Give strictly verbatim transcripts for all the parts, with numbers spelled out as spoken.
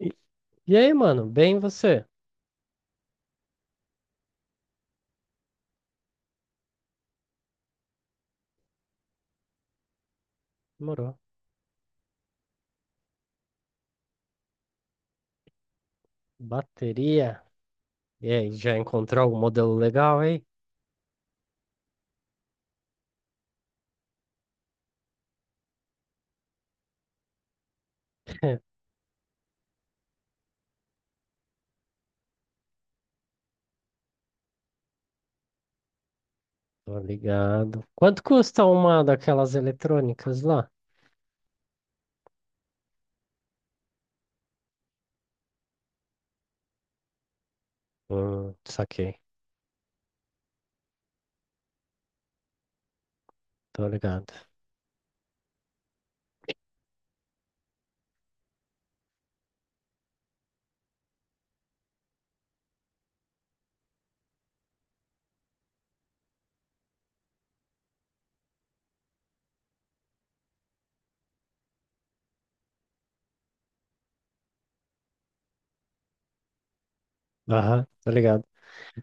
E, e aí, mano? Bem você? Demorou. Bateria. E aí, já encontrou algum modelo legal aí? Tô ligado. Quanto custa uma daquelas eletrônicas lá? Hum, saquei. Tô ligado. Aham, tô ligado.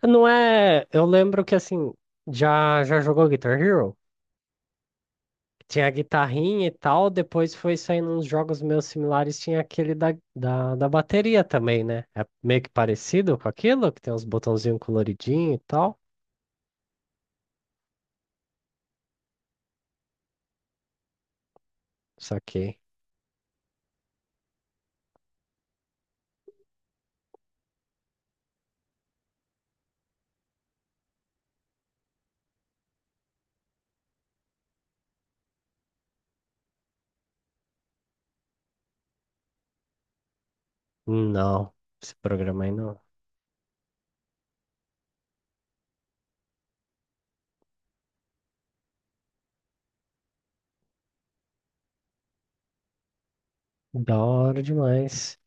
Não é. Eu lembro que assim, já, já jogou Guitar Hero? Tinha a guitarrinha e tal, depois foi saindo uns jogos meio similares, tinha aquele da, da, da bateria também, né? É meio que parecido com aquilo, que tem uns botãozinhos coloridinhos e tal. Saquei. Não, esse programa aí não. Da hora demais.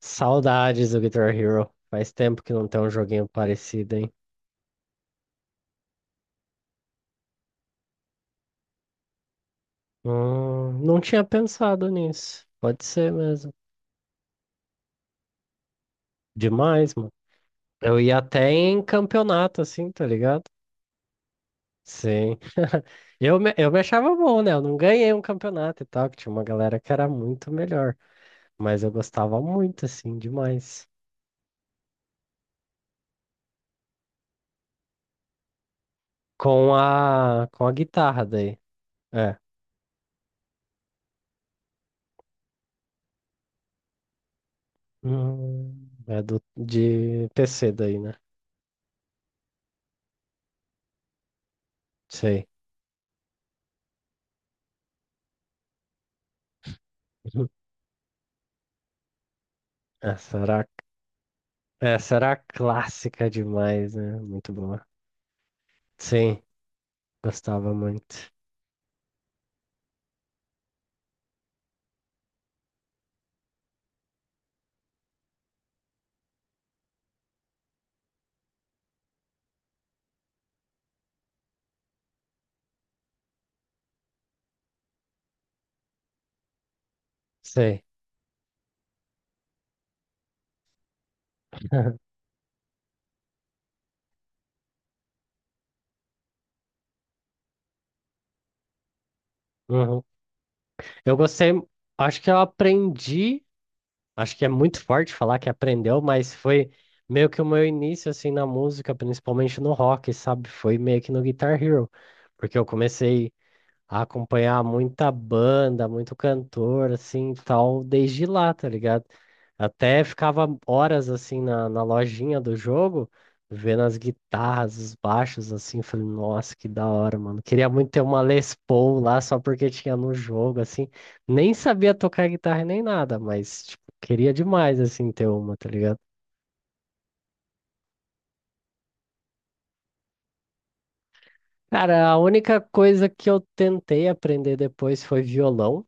Saudades do Guitar Hero. Faz tempo que não tem um joguinho parecido, hein? Hum, não tinha pensado nisso. Pode ser mesmo. Demais, mano. Eu ia até em campeonato, assim, tá ligado? Sim. Eu me, eu me achava bom, né? Eu não ganhei um campeonato e tal, que tinha uma galera que era muito melhor. Mas eu gostava muito, assim, demais. Com a, com a guitarra daí. É. Hum, é do, de P C daí, né? Sei. Uhum. Essa era, essa era clássica demais, né? Muito boa. Sim, gostava muito. Sei. Uhum. Eu gostei. Acho que eu aprendi. Acho que é muito forte falar que aprendeu, mas foi meio que o meu início assim na música, principalmente no rock, sabe? Foi meio que no Guitar Hero, porque eu comecei acompanhar muita banda, muito cantor, assim, tal, desde lá, tá ligado? Até ficava horas, assim, na, na lojinha do jogo, vendo as guitarras, os baixos, assim, falei, nossa, que da hora, mano. Queria muito ter uma Les Paul lá, só porque tinha no jogo, assim. Nem sabia tocar guitarra nem nada, mas, tipo, queria demais, assim, ter uma, tá ligado? Cara, a única coisa que eu tentei aprender depois foi violão.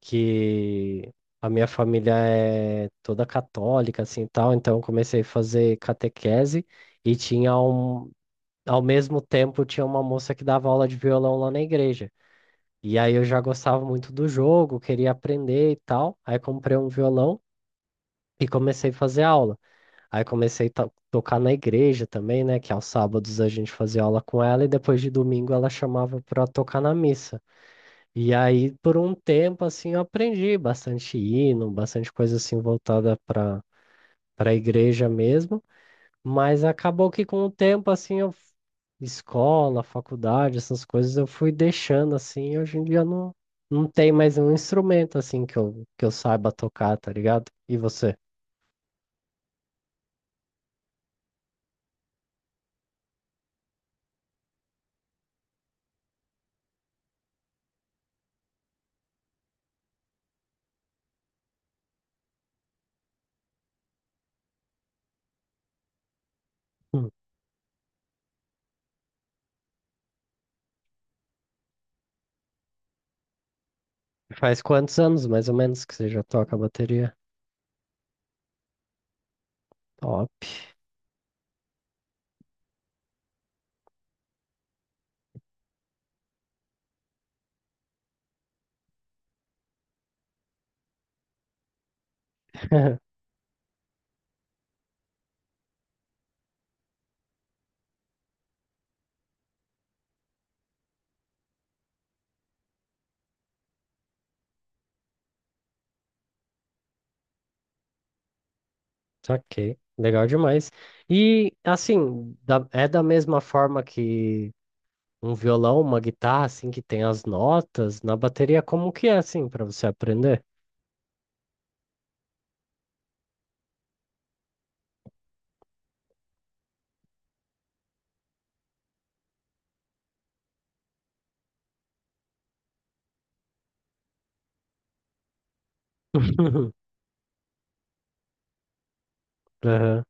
Que a minha família é toda católica, assim, tal, então eu comecei a fazer catequese e tinha um, ao mesmo tempo tinha uma moça que dava aula de violão lá na igreja. E aí eu já gostava muito do jogo, queria aprender e tal. Aí comprei um violão e comecei a fazer aula. Aí comecei a to- tocar na igreja também, né, que aos sábados a gente fazia aula com ela e depois de domingo ela chamava para tocar na missa. E aí, por um tempo, assim, eu aprendi bastante hino, bastante coisa assim voltada para para a igreja mesmo, mas acabou que com o tempo, assim, eu, escola, faculdade, essas coisas, eu fui deixando, assim, e hoje em dia não, não tem mais um instrumento, assim, que eu, que eu saiba tocar, tá ligado? E você? Hum. Faz quantos anos, mais ou menos, que você já toca bateria? Top. Ok, legal demais. E assim, da- é da mesma forma que um violão, uma guitarra, assim, que tem as notas, na bateria, como que é, assim, pra você aprender? Aham,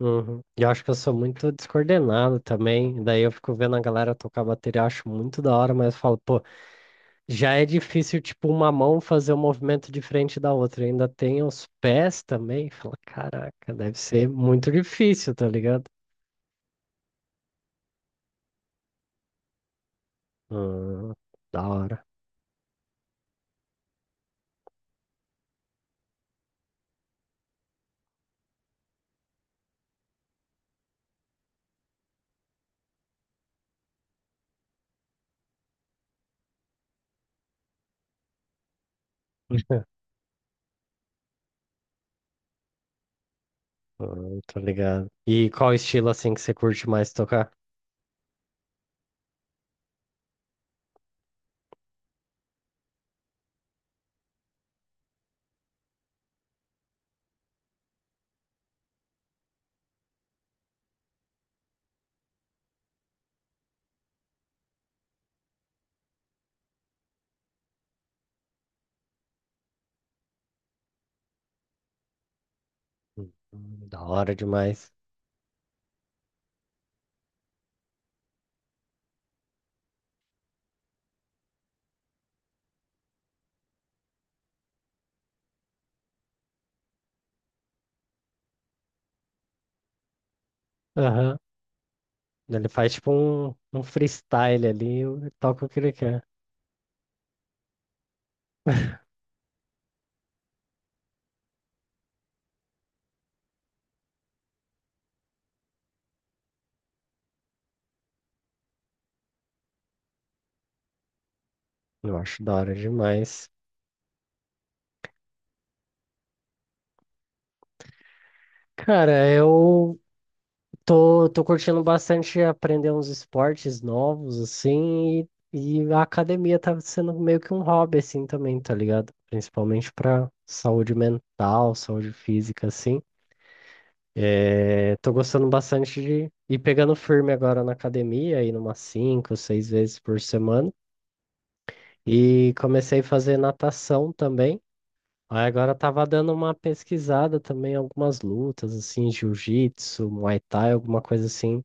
uhum. E eu acho que eu sou muito descoordenado também. Daí eu fico vendo a galera tocar bateria, acho muito da hora, mas eu falo, pô, já é difícil, tipo, uma mão fazer um movimento diferente da outra. Ainda tem os pés também. Fala, caraca, deve ser muito difícil, tá ligado? Hum, da hora. Hum, tô ligado. E qual estilo, assim, que você curte mais tocar? Hum, Da hora demais. Aham. Ele faz tipo um, um freestyle ali e toca o que ele quer. Eu acho da hora demais. Cara, eu tô, tô curtindo bastante aprender uns esportes novos, assim, e, e a academia tá sendo meio que um hobby, assim, também, tá ligado? Principalmente pra saúde mental, saúde física, assim. É, tô gostando bastante de ir pegando firme agora na academia, indo umas cinco, seis vezes por semana. E comecei a fazer natação também. Aí agora tava dando uma pesquisada também, algumas lutas, assim, jiu-jitsu, muay thai, alguma coisa assim,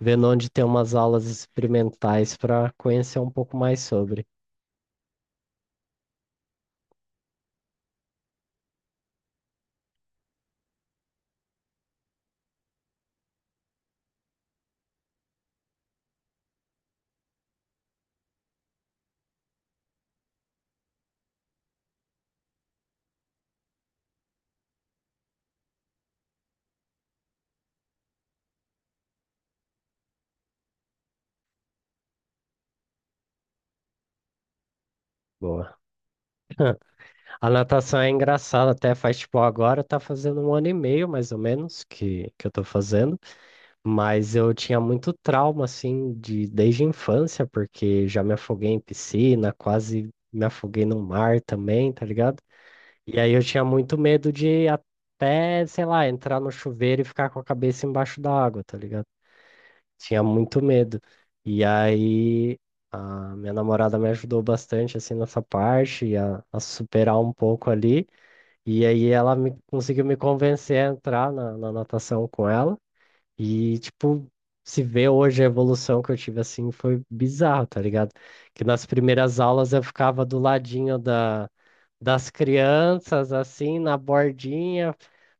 vendo onde tem umas aulas experimentais para conhecer um pouco mais sobre. Boa. A natação é engraçada, até faz tipo agora tá fazendo um ano e meio mais ou menos que, que eu tô fazendo, mas eu tinha muito trauma assim de desde a infância, porque já me afoguei em piscina, quase me afoguei no mar também, tá ligado? E aí eu tinha muito medo de até, sei lá, entrar no chuveiro e ficar com a cabeça embaixo da água, tá ligado? Tinha muito medo. E aí a minha namorada me ajudou bastante assim nessa parte, a, a superar um pouco ali. E aí ela me, conseguiu me convencer a entrar na, na natação com ela. E tipo, se vê hoje a evolução que eu tive assim foi bizarro, tá ligado? Que nas primeiras aulas eu ficava do ladinho da das crianças, assim, na bordinha,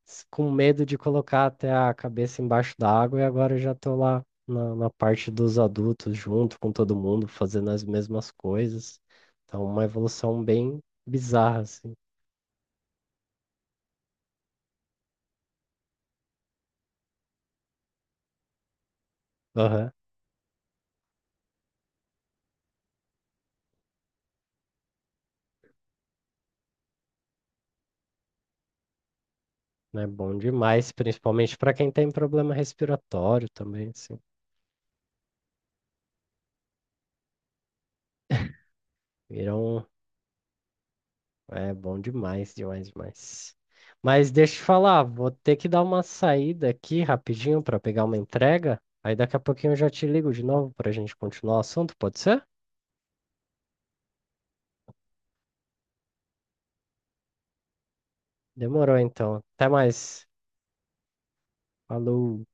s- com medo de colocar até a cabeça embaixo d'água, e agora eu já tô lá na, na parte dos adultos, junto com todo mundo, fazendo as mesmas coisas. Então, uma evolução bem bizarra, assim. Aham. É bom demais, principalmente para quem tem problema respiratório também, assim. Viram é bom demais, demais, demais. Mas deixa eu te falar, vou ter que dar uma saída aqui rapidinho para pegar uma entrega. Aí daqui a pouquinho eu já te ligo de novo para a gente continuar o assunto, pode ser? Demorou então. Até mais. Falou.